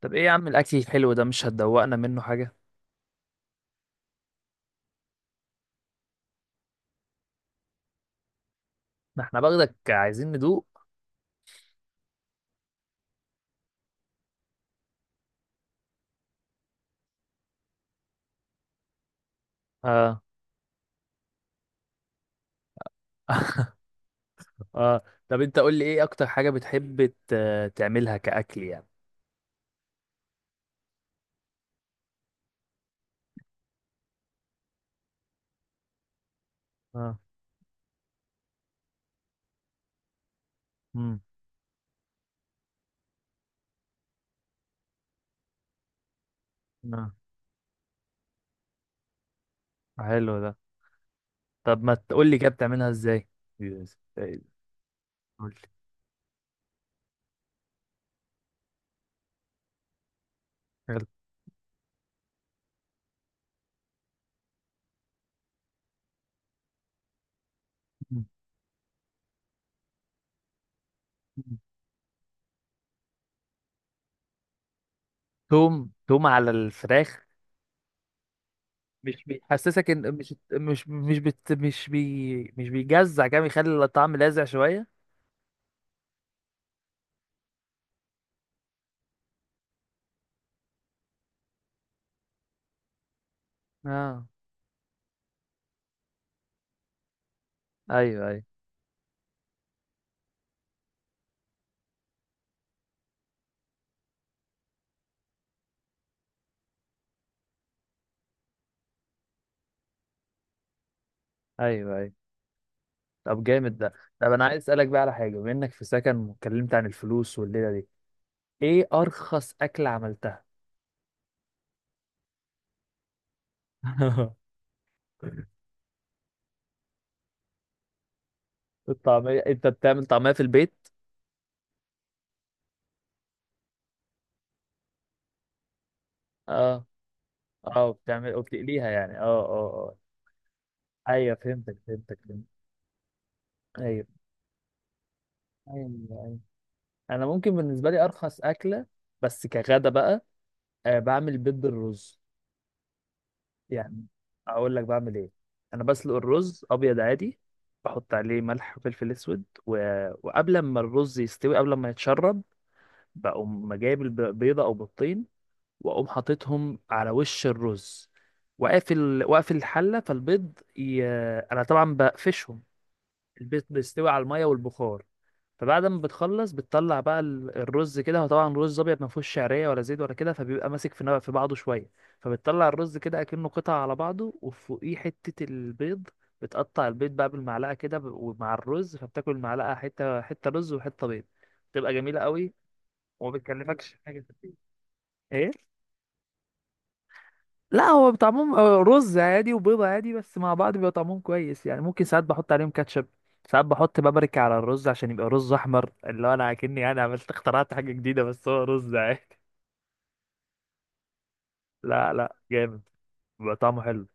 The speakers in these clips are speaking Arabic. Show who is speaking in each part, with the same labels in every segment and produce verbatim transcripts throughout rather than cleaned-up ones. Speaker 1: طب ايه يا عم الاكل الحلو ده، مش هتدوقنا منه حاجه؟ ده احنا باخدك، عايزين ندوق. اه. اه. طب انت قول لي، ايه اكتر حاجه بتحب ت- تعملها كاكل يعني؟ اه. امم اه. حلو ده. طب ما تقول لي كده، بتعملها ازاي؟ يس. إيه، قول لي. حلو. مم. مم. توم توم على الفراخ. مش بيحسسك ان مش مش مش بت مش بي مش بيجزع، كده بيخلي الطعم لاذع شويه؟ اه. ايوه، ايوه، ايوه، ايوه. طب جامد ده. طب انا عايز اسالك بقى على حاجه، بما انك في سكن واتكلمت عن الفلوس والليله دي، ايه ارخص اكله عملتها؟ الطعميه؟ انت بتعمل طعميه في البيت؟ اه. اه، بتعمل وبتقليها يعني؟ اه، اه. اه، ايوه، فهمتك فهمتك فهمت. ايوه. ايوه، ايوه. انا ممكن بالنسبه لي ارخص اكله، بس كغدا بقى، آه، بعمل بيض بالرز. يعني اقول لك بعمل ايه. انا بسلق الرز ابيض عادي. بحط عليه ملح وفلفل اسود و... وقبل ما الرز يستوي، قبل ما يتشرب، بقوم جايب الب- بيضه او بيضتين، واقوم حاططهم على وش الرز، واقفل واقفل الحله، فالبيض ي... انا طبعا بقفشهم. البيض بيستوي على المية والبخار. فبعد ما بتخلص، بتطلع بقى ال- الرز كده. هو طبعا رز ابيض، ما فيهوش شعريه ولا زيت ولا كده، فبيبقى ماسك في نا- في بعضه شويه. فبتطلع الرز كده اكنه قطع على بعضه وفوقيه حته البيض. بتقطع البيض بقى بالمعلقه كده، ب- ومع الرز، فبتاكل المعلقه حته حته، رز وحته بيض. بتبقى جميله قوي، وما بتكلفكش حاجه. ايه. لا، هو طعمهم آه، رز عادي وبيضة عادي، بس مع بعض بيبقى طعمهم كويس يعني. ممكن ساعات بحط عليهم كاتشب، ساعات بحط بابريكا على الرز عشان يبقى رز احمر، اللي هو انا كأني انا عملت اخترعت حاجة جديدة، بس هو رز عادي. لا، لا، جامد، بيبقى طعمه حلو.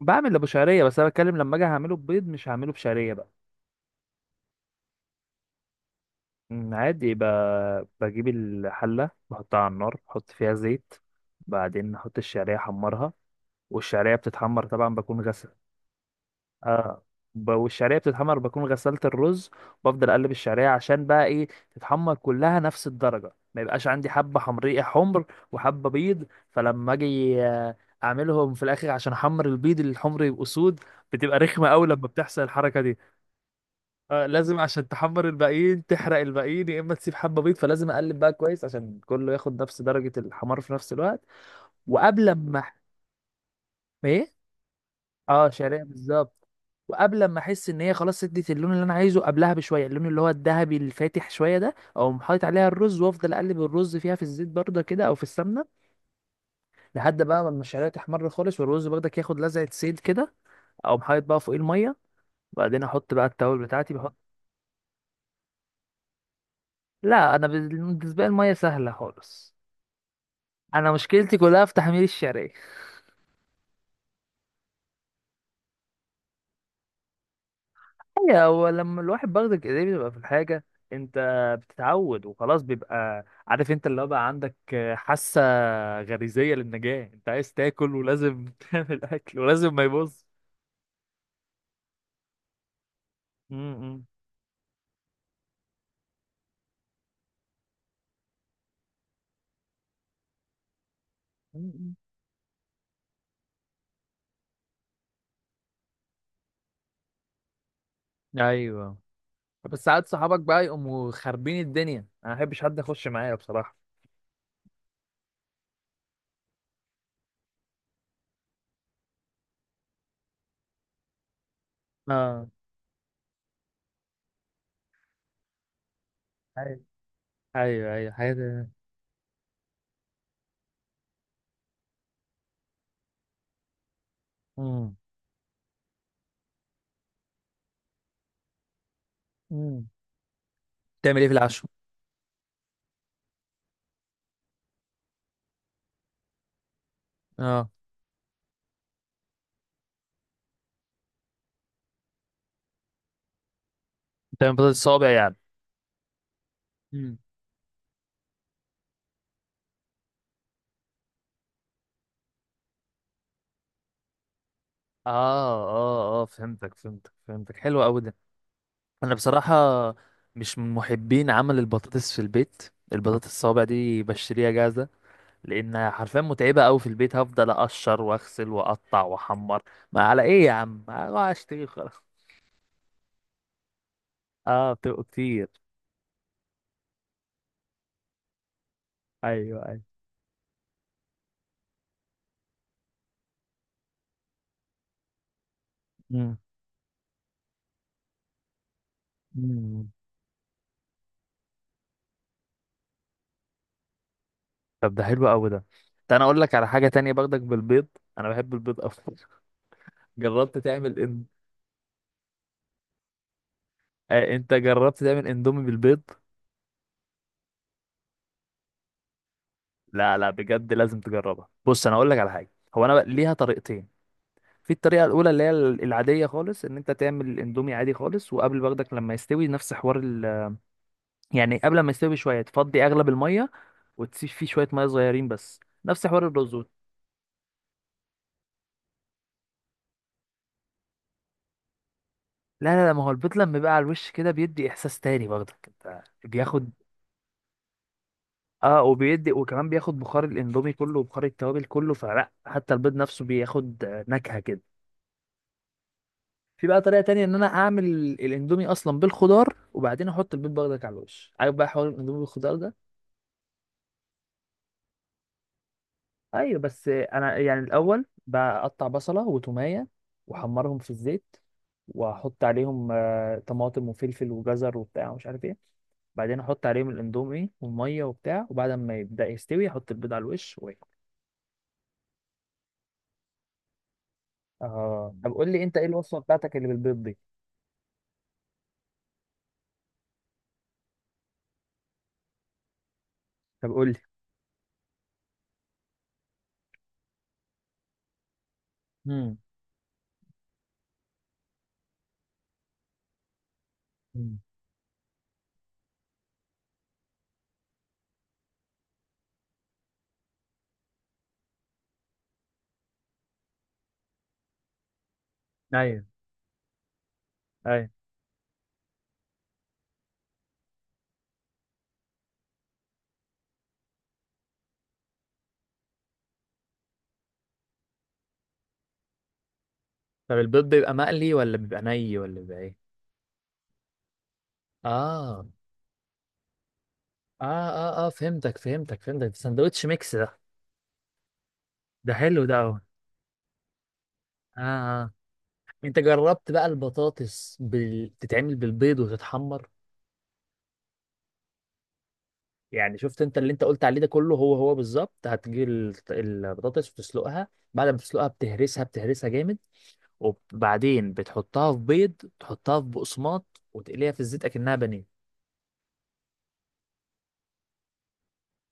Speaker 1: بعمل ابو شعرية، بس انا بتكلم لما اجي هعمله ببيض، مش هعمله بشعرية بقى. أمم، عادي ب... بجيب الحلة بحطها على النار، بحط فيها زيت، بعدين احط الشعرية احمرها، والشعرية بتتحمر طبعا، بكون غسل. اه، ب- والشعريه بتتحمر، بكون غسلت الرز، وبفضل اقلب الشعريه عشان بقى ايه تتحمر كلها نفس الدرجه، ما يبقاش عندي حبه حمريه حمر وحبه بيض. فلما اجي آه، اعملهم في الاخر، عشان احمر البيض الحمر يبقوا سود، بتبقى رخمه قوي لما بتحصل الحركه دي. آه، لازم، عشان تحمر الباقيين تحرق الباقيين، يا اما تسيب حبه بيض، فلازم اقلب بقى كويس عشان كله ياخد نفس درجه الحمار في نفس الوقت. وقبل ما ايه. اه، شعريه بالظبط. وقبل ما احس ان هي خلاص ادت اللون اللي انا عايزه، قبلها بشويه، اللون اللي هو الذهبي الفاتح شويه ده، اقوم حاطط عليها الرز وافضل اقلب الرز فيها في الزيت برده كده، او في السمنه، لحد بقى ما الشعريه تحمر خالص، والرز برضك ياخد لزعه زيت كده، اقوم حاطط بقى فوقيه الميه، وبعدين احط بقى التوابل بتاعتي. بحط. لا انا بالنسبه لي الميه سهله خالص، انا مشكلتي كلها في تحمير الشعريه. هي هو لما الواحد باخدك ايديه بيبقى في الحاجة، انت بتتعود وخلاص، بيبقى عارف انت اللي هو بقى، عندك حاسة غريزية للنجاة، انت عايز تاكل ولازم تعمل اكل ولازم ما يبص. امم. امم. ايوه، بس ساعات صحابك بقى يقوموا خاربين الدنيا، انا ما بحبش حد يخش معايا بصراحة. اه، ايوه، ايوه، ايوه، حاجات. امم. امم. تعمل ايه في العشاء؟ اه، تعمل بطاطس صوابع يعني؟ امم. اه، اه، اه، فهمتك فهمتك فهمتك. حلو قوي ده. انا بصراحه مش من محبين عمل البطاطس في البيت. البطاطس الصوابع دي بشتريها جاهزه، لان حرفيا متعبه قوي في البيت، هفضل اقشر واغسل واقطع واحمر. ما على ايه يا عم، أروح اشتري خلاص. اه، بتبقوا كتير. ايوه، ايوه. مم. مم. طب ده حلو قوي ده. ده انا اقول لك على حاجه تانية برضك بالبيض. انا بحب البيض اكتر. جربت تعمل ان... آه، انت جربت تعمل اندومي بالبيض؟ لا، لا، بجد لازم تجربها. بص انا اقول لك على حاجه، هو انا بقى- ليها طريقتين. في الطريقة الأولى اللي هي العادية خالص، إن أنت تعمل الأندومي عادي خالص، وقبل برضك لما يستوي نفس حوار ال... يعني قبل ما يستوي بشوية، تفضي أغلب المية، وتسيب فيه شوية مية صغيرين بس، نفس حوار الرز وت- لا، لا، لا، ما هو البيض لما بيبقى على الوش كده بيدي إحساس تاني برضك، أنت بياخد. اه، وبيدي، وكمان بياخد بخار الأندومي كله وبخار التوابل كله، فلا حتى البيض نفسه بياخد آه، نكهة كده. في بقى طريقة تانية إن أنا أعمل الأندومي أصلا بالخضار، وبعدين أحط البيض برضك على الوش، عارف بقى حوار الأندومي بالخضار ده؟ ايوه، بس انا يعني الاول بقطع بصله وتوميه واحمرهم في الزيت، واحط عليهم آه، طماطم وفلفل وجزر وبتاع ومش عارف ايه، بعدين احط عليهم الاندومي والميه وبتاع، وبعد ما يبدا يستوي احط البيض على الوش واكل. اه، طب قول لي انت ايه الوصفه بتاعتك اللي بالبيض دي؟ طب قول لي. امم. مم. ايوه، ايوه. طب البيض بيبقى مقلي ولا بيبقى ني ولا بيبقى ايه؟ اه، اه، اه، اه، فهمتك فهمتك فهمتك. ساندوتش ميكس ده. ده حلو ده أوي. اه، انت جربت بقى البطاطس بال... تتعمل بالبيض وتتحمر؟ يعني شفت انت اللي انت قلت عليه ده كله، هو هو بالظبط، هتجيب ال- البطاطس وتسلقها، بعد ما تسلقها بتهرسها بتهرسها جامد، وبعدين بتحطها في بيض، تحطها في بقسماط وتقليها في الزيت اكنها بانيه.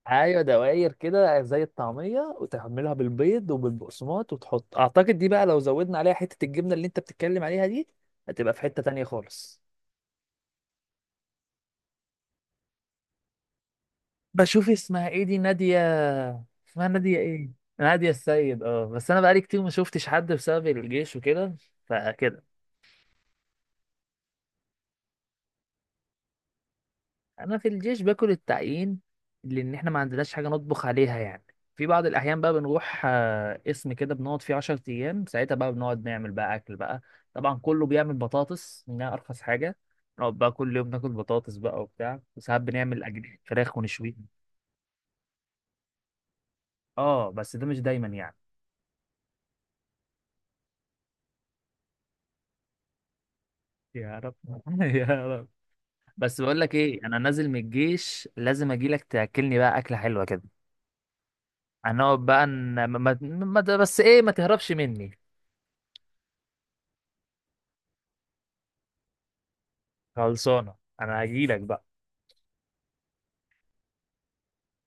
Speaker 1: ايوه، دوائر كده زي الطعميه، وتعملها بالبيض وبالبقسماط، وتحط اعتقد دي بقى لو زودنا عليها حته الجبنه اللي انت بتتكلم عليها دي، هتبقى في حته تانية خالص. بشوف اسمها ايه دي، نادية. اسمها نادية ايه؟ نادية السيد. اه، بس انا بقالي كتير ما شفتش حد بسبب الجيش وكده، فكده. انا في الجيش باكل التعيين، لان احنا ما عندناش حاجة نطبخ عليها يعني. في بعض الاحيان بقى بنروح آه، قسم كده بنقعد فيه 10 ايام، ساعتها بقى بنقعد نعمل بقى اكل بقى. طبعا كله بيعمل بطاطس، انها ارخص حاجة، نقعد بقى كل يوم ناكل بطاطس بقى وبتاع، وساعات بنعمل أجن- فراخ ونشويها. اه، بس ده مش دايما يعني. يا رب. يا رب. بس بقول لك ايه، انا نازل من الجيش لازم اجي لك تاكلني بقى اكله حلوه كده. هنقعد بقى ن- ما ما ما- بس ايه، ما تهربش مني. خلصانه. انا هجي لك بقى.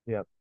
Speaker 1: يلا.